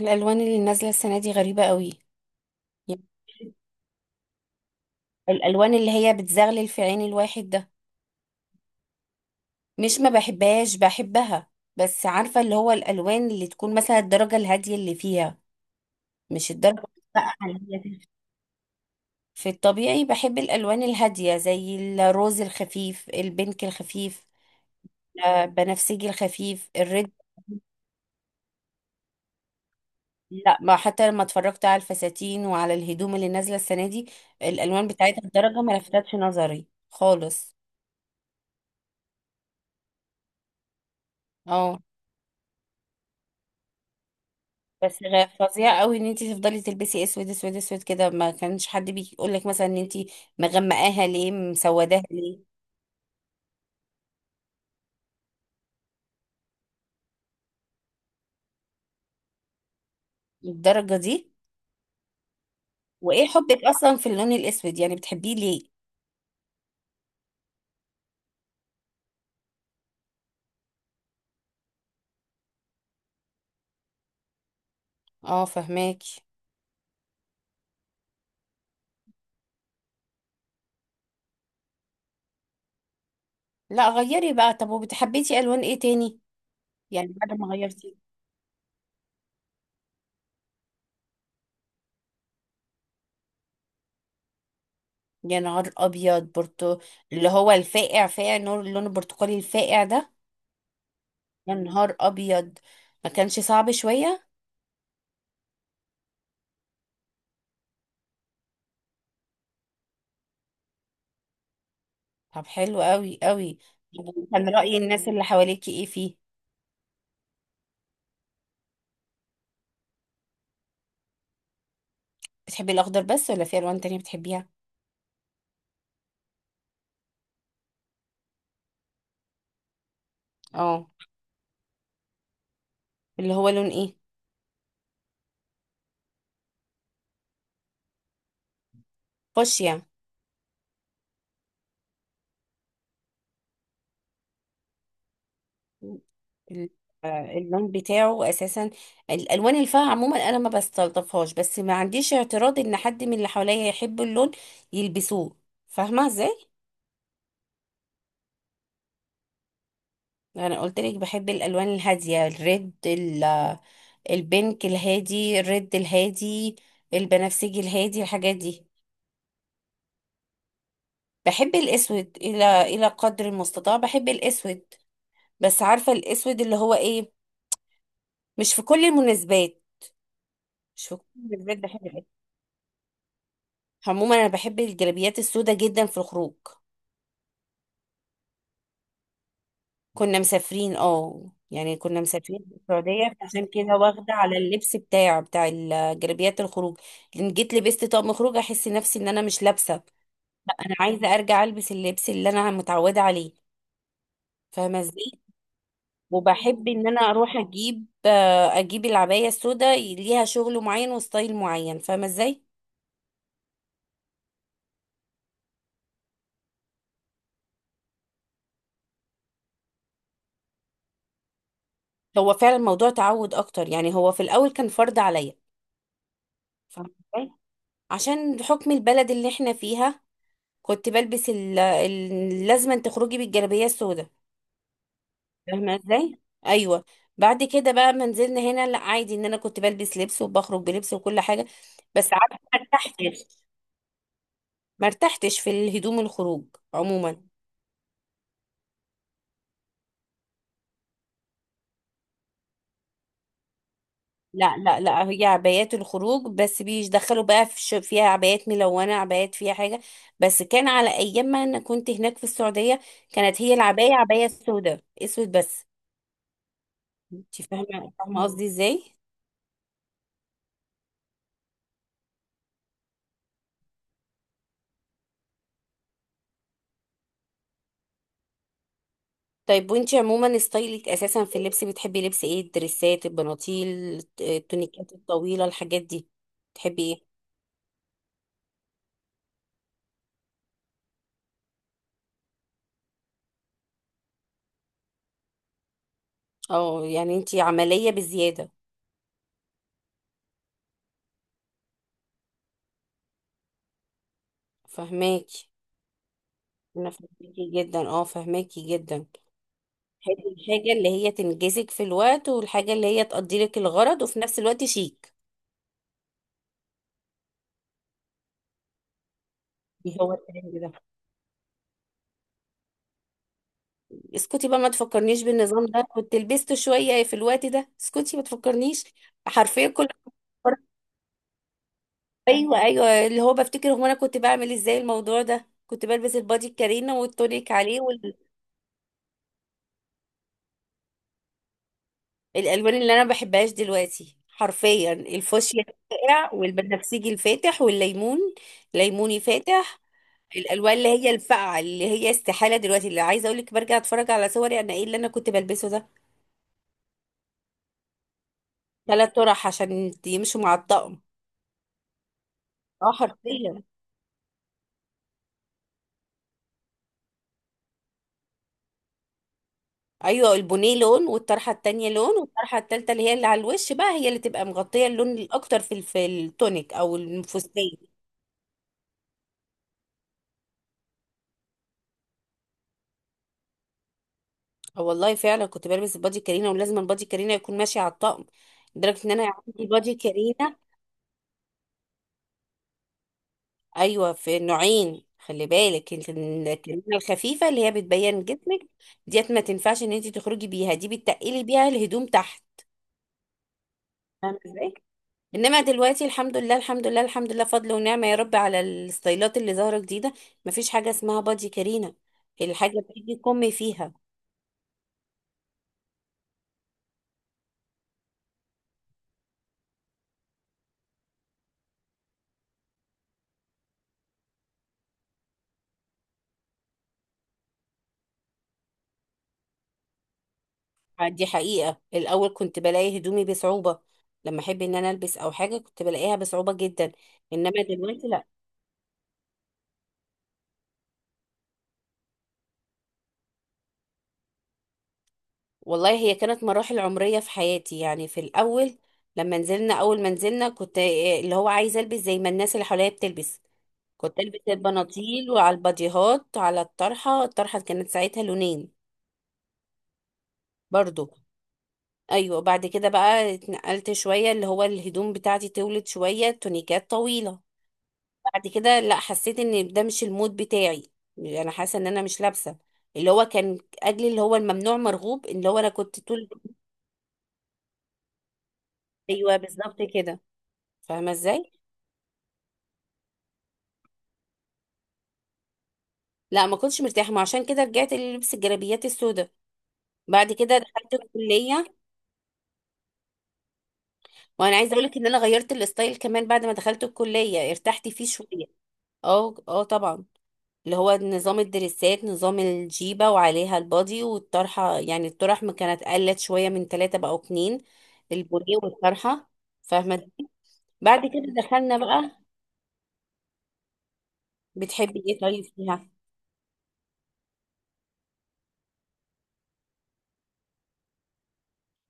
الالوان اللي نازله السنه دي غريبه قوي. يعني الالوان اللي هي بتزغلل في عين الواحد ده. مش ما بحبهاش، بحبها، بس عارفه اللي هو الالوان اللي تكون مثلا الدرجه الهاديه اللي فيها. مش الدرجه بقى اللي هي دي. في الطبيعي بحب الالوان الهاديه زي الروز الخفيف، البنك الخفيف، بنفسجي الخفيف، الريد. لا، ما حتى لما اتفرجت على الفساتين وعلى الهدوم اللي نازله السنه دي، الالوان بتاعتها الدرجه ما لفتتش نظري خالص. اه، بس فظيع قوي ان انت تفضلي تلبسي اسود اسود اسود كده. ما كانش حد بيجي يقول لك مثلا ان انت مغمقاها ليه، مسوداها ليه، للدرجه دي؟ وايه حبك اصلا في اللون الاسود؟ يعني بتحبيه ليه؟ اه، فهماكي. لا غيري بقى، طب وبتحبيتي الوان ايه تاني؟ يعني بعد ما غيرتي. يا نهار ابيض برتو! اللي هو الفاقع فاقع نور، اللون البرتقالي الفاقع ده. يا نهار ابيض! ما كانش صعب شويه؟ طب حلو قوي قوي. طب كان رأي الناس اللي حواليكي ايه فيه؟ بتحبي الاخضر بس ولا في الوان تانية بتحبيها؟ اه، اللي هو لون ايه؟ فوشيا. ال- اللون بتاعه اساسا، الالوان الفاقعه عموما انا ما بستلطفهاش، بس ما عنديش اعتراض ان حد من اللي حواليا يحب اللون يلبسوه، فاهمه ازاي؟ انا قلت لك بحب الالوان الهاديه، الريد، البينك الهادي، الريد الهادي، البنفسجي الهادي، الحاجات دي. بحب الاسود الى قدر المستطاع بحب الاسود، بس عارفه الاسود اللي هو ايه، مش في كل المناسبات. مش في كل المناسبات بحب العسل. عموما انا بحب الجلابيات السوداء جدا في الخروج. كنا مسافرين، اه يعني كنا مسافرين في السعودية، عشان كده واخدة على اللبس بتاع الجلابيات الخروج. لان جيت لبست طقم خروج، احس نفسي ان انا مش لابسة. انا عايزة ارجع البس اللبس اللي انا متعودة عليه، فاهمة ازاي؟ وبحب ان انا اروح اجيب، اجيب العباية السوداء، ليها شغل معين وستايل معين، فاهمة ازاي؟ هو فعلا موضوع تعود اكتر، يعني هو في الاول كان فرض عليا. فاهمة إزاي؟ عشان حكم البلد اللي احنا فيها. كنت بلبس لازما تخرجي بالجلابية السوداء، فاهمة ازاي؟ ايوه. بعد كده بقى ما نزلنا هنا، لا عادي، ان انا كنت بلبس لبس وبخرج بلبس وكل حاجة. بس عارفة ما ارتحتش. ما ارتحتش في الهدوم الخروج عموما. لا لا لا، هي عبايات الخروج بس بيدخلوا بقى في فيها عبايات ملونة، عبايات فيها حاجة. بس كان على ايام ما انا كنت هناك في السعودية، كانت هي العباية عباية سوداء، اسود بس. انت فاهمه، فاهمه قصدي ازاي. طيب، وانت عموما ستايلك اساسا في اللبس بتحبي لبس ايه؟ الدريسات، البناطيل، التونيكات الطويله، الحاجات دي؟ بتحبي ايه؟ اه يعني انت عمليه بزياده. فهماكي. انا فهماكي جدا، اه فهماكي جدا. تحبي الحاجه اللي هي تنجزك في الوقت، والحاجه اللي هي تقضي لك الغرض، وفي نفس الوقت شيك. ايه هو الترند ده؟ اسكتي بقى، ما تفكرنيش بالنظام ده. كنت لبست شويه في الوقت ده، اسكتي ما تفكرنيش. حرفيا كل. ايوه ايوه، اللي هو بفتكر هو انا كنت بعمل ازاي الموضوع ده. كنت بلبس البادي الكارينا والتونيك عليه. والالوان اللي انا ما بحبهاش دلوقتي حرفيا الفوشيا الفاقع، والبنفسجي الفاتح، والليمون، ليموني فاتح. الالوان اللي هي الفاقعه، اللي هي استحاله دلوقتي اللي عايزه اقول لك، برجع اتفرج على صوري انا ايه اللي انا كنت بلبسه ده. ثلاث طرح عشان يمشوا مع الطقم. اه حرفيا. ايوه، البنيه لون، والطرحه التانية لون، والطرحه التالتة اللي هي اللي على الوش بقى هي اللي تبقى مغطيه اللون الاكتر في في التونيك او الفستان. آه والله فعلا كنت بلبس البادي كارينا، ولازم البادي كارينا يكون ماشي على الطقم، لدرجه ان انا عندي بادي كارينا. ايوه في نوعين، خلي بالك انت، الكارينا الخفيفه اللي هي بتبين جسمك، ديت ما تنفعش ان انت تخرجي بيها، دي بتتقلي بيها الهدوم تحت، فاهمه ازاي؟ انما دلوقتي الحمد لله، الحمد لله، الحمد لله، فضل ونعمة يا رب على الستايلات اللي ظاهرة جديدة. مفيش حاجة اسمها بادي كارينا، الحاجة بتيجي كم فيها. دي حقيقة، الاول كنت بلاقي هدومي بصعوبة، لما احب ان انا البس او حاجة كنت بلاقيها بصعوبة جدا. انما دلوقتي لا. والله هي كانت مراحل عمرية في حياتي. يعني في الاول لما نزلنا، اول ما نزلنا، كنت إيه، اللي هو عايزة البس زي ما الناس اللي حواليا بتلبس. كنت البس البناطيل وعلى الباديهات وعلى الطرحة. الطرحة كانت ساعتها لونين برضو. ايوه، بعد كده بقى اتنقلت شويه، اللي هو الهدوم بتاعتي طولت شويه، تونيكات طويله. بعد كده لا، حسيت ان ده مش المود بتاعي، انا حاسه ان انا مش لابسه. اللي هو كان اجلي اللي هو الممنوع مرغوب، اللي هو انا كنت طول. ايوه بالظبط كده، فاهمه ازاي. لا ما كنتش مرتاحه، ما عشان كده رجعت للبس الجلابيات السوداء. بعد كده دخلت الكليه. وانا عايزه اقول لك ان انا غيرت الستايل كمان بعد ما دخلت الكليه، ارتحت فيه شويه. اه اه طبعا، اللي هو نظام الدريسات، نظام الجيبة وعليها البادي والطرحة، يعني الطرح ما كانت قلت شوية، من ثلاثة بقوا اتنين، البوريه والطرحة، فاهمة؟ بعد كده دخلنا بقى. بتحبي ايه طيب فيها؟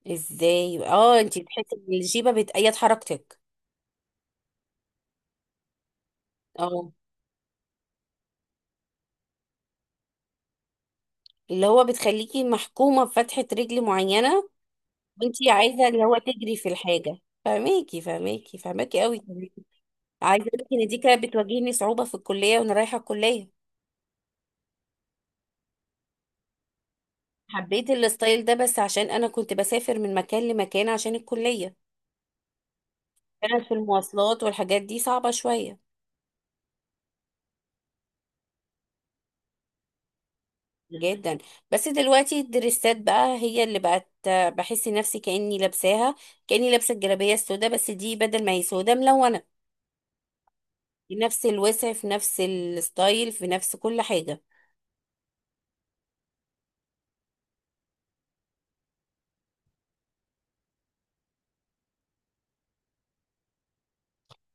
ازاي؟ اه انتي بتحسي ان الجيبة بتأيد حركتك. اه، اللي هو بتخليكي محكومة بفتحة رجل معينة، وانتي عايزة اللي هو تجري في الحاجة. فهماكي، فهماكي، فهماكي قوي. عايزة اقول لك ان دي كانت بتواجهني صعوبة في الكلية وانا رايحة الكلية. حبيت الستايل ده بس عشان انا كنت بسافر من مكان لمكان عشان الكلية. كانت في المواصلات والحاجات دي صعبة شوية. جدا. بس دلوقتي الدريسات بقى هي اللي بقت، بحس نفسي كأني لابساها، كأني لابسة الجلابية السوداء، بس دي بدل ما هي سوداء ملونة. في نفس الوسع، في نفس الستايل، في نفس كل حاجة.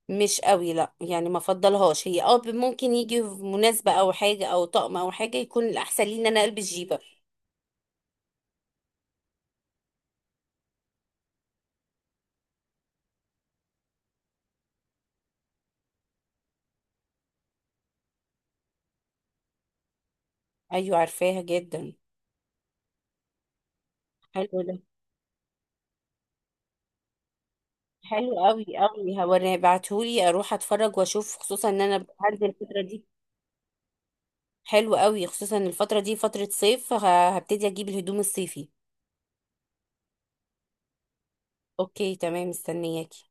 مش قوي لا، يعني ما فضلهاش هي، اه ممكن يجي في مناسبة او حاجة او طقم او حاجة، يكون الاحسن لي ان انا البس جيبة. ايوه عارفاها جدا. حلو ده. حلو قوي قوي، هوريه بعتهولي اروح اتفرج واشوف، خصوصا ان انا هنزل الفتره دي. حلو قوي، خصوصا الفتره دي فتره صيف، هبتدي اجيب الهدوم الصيفي. اوكي تمام، مستنياكي.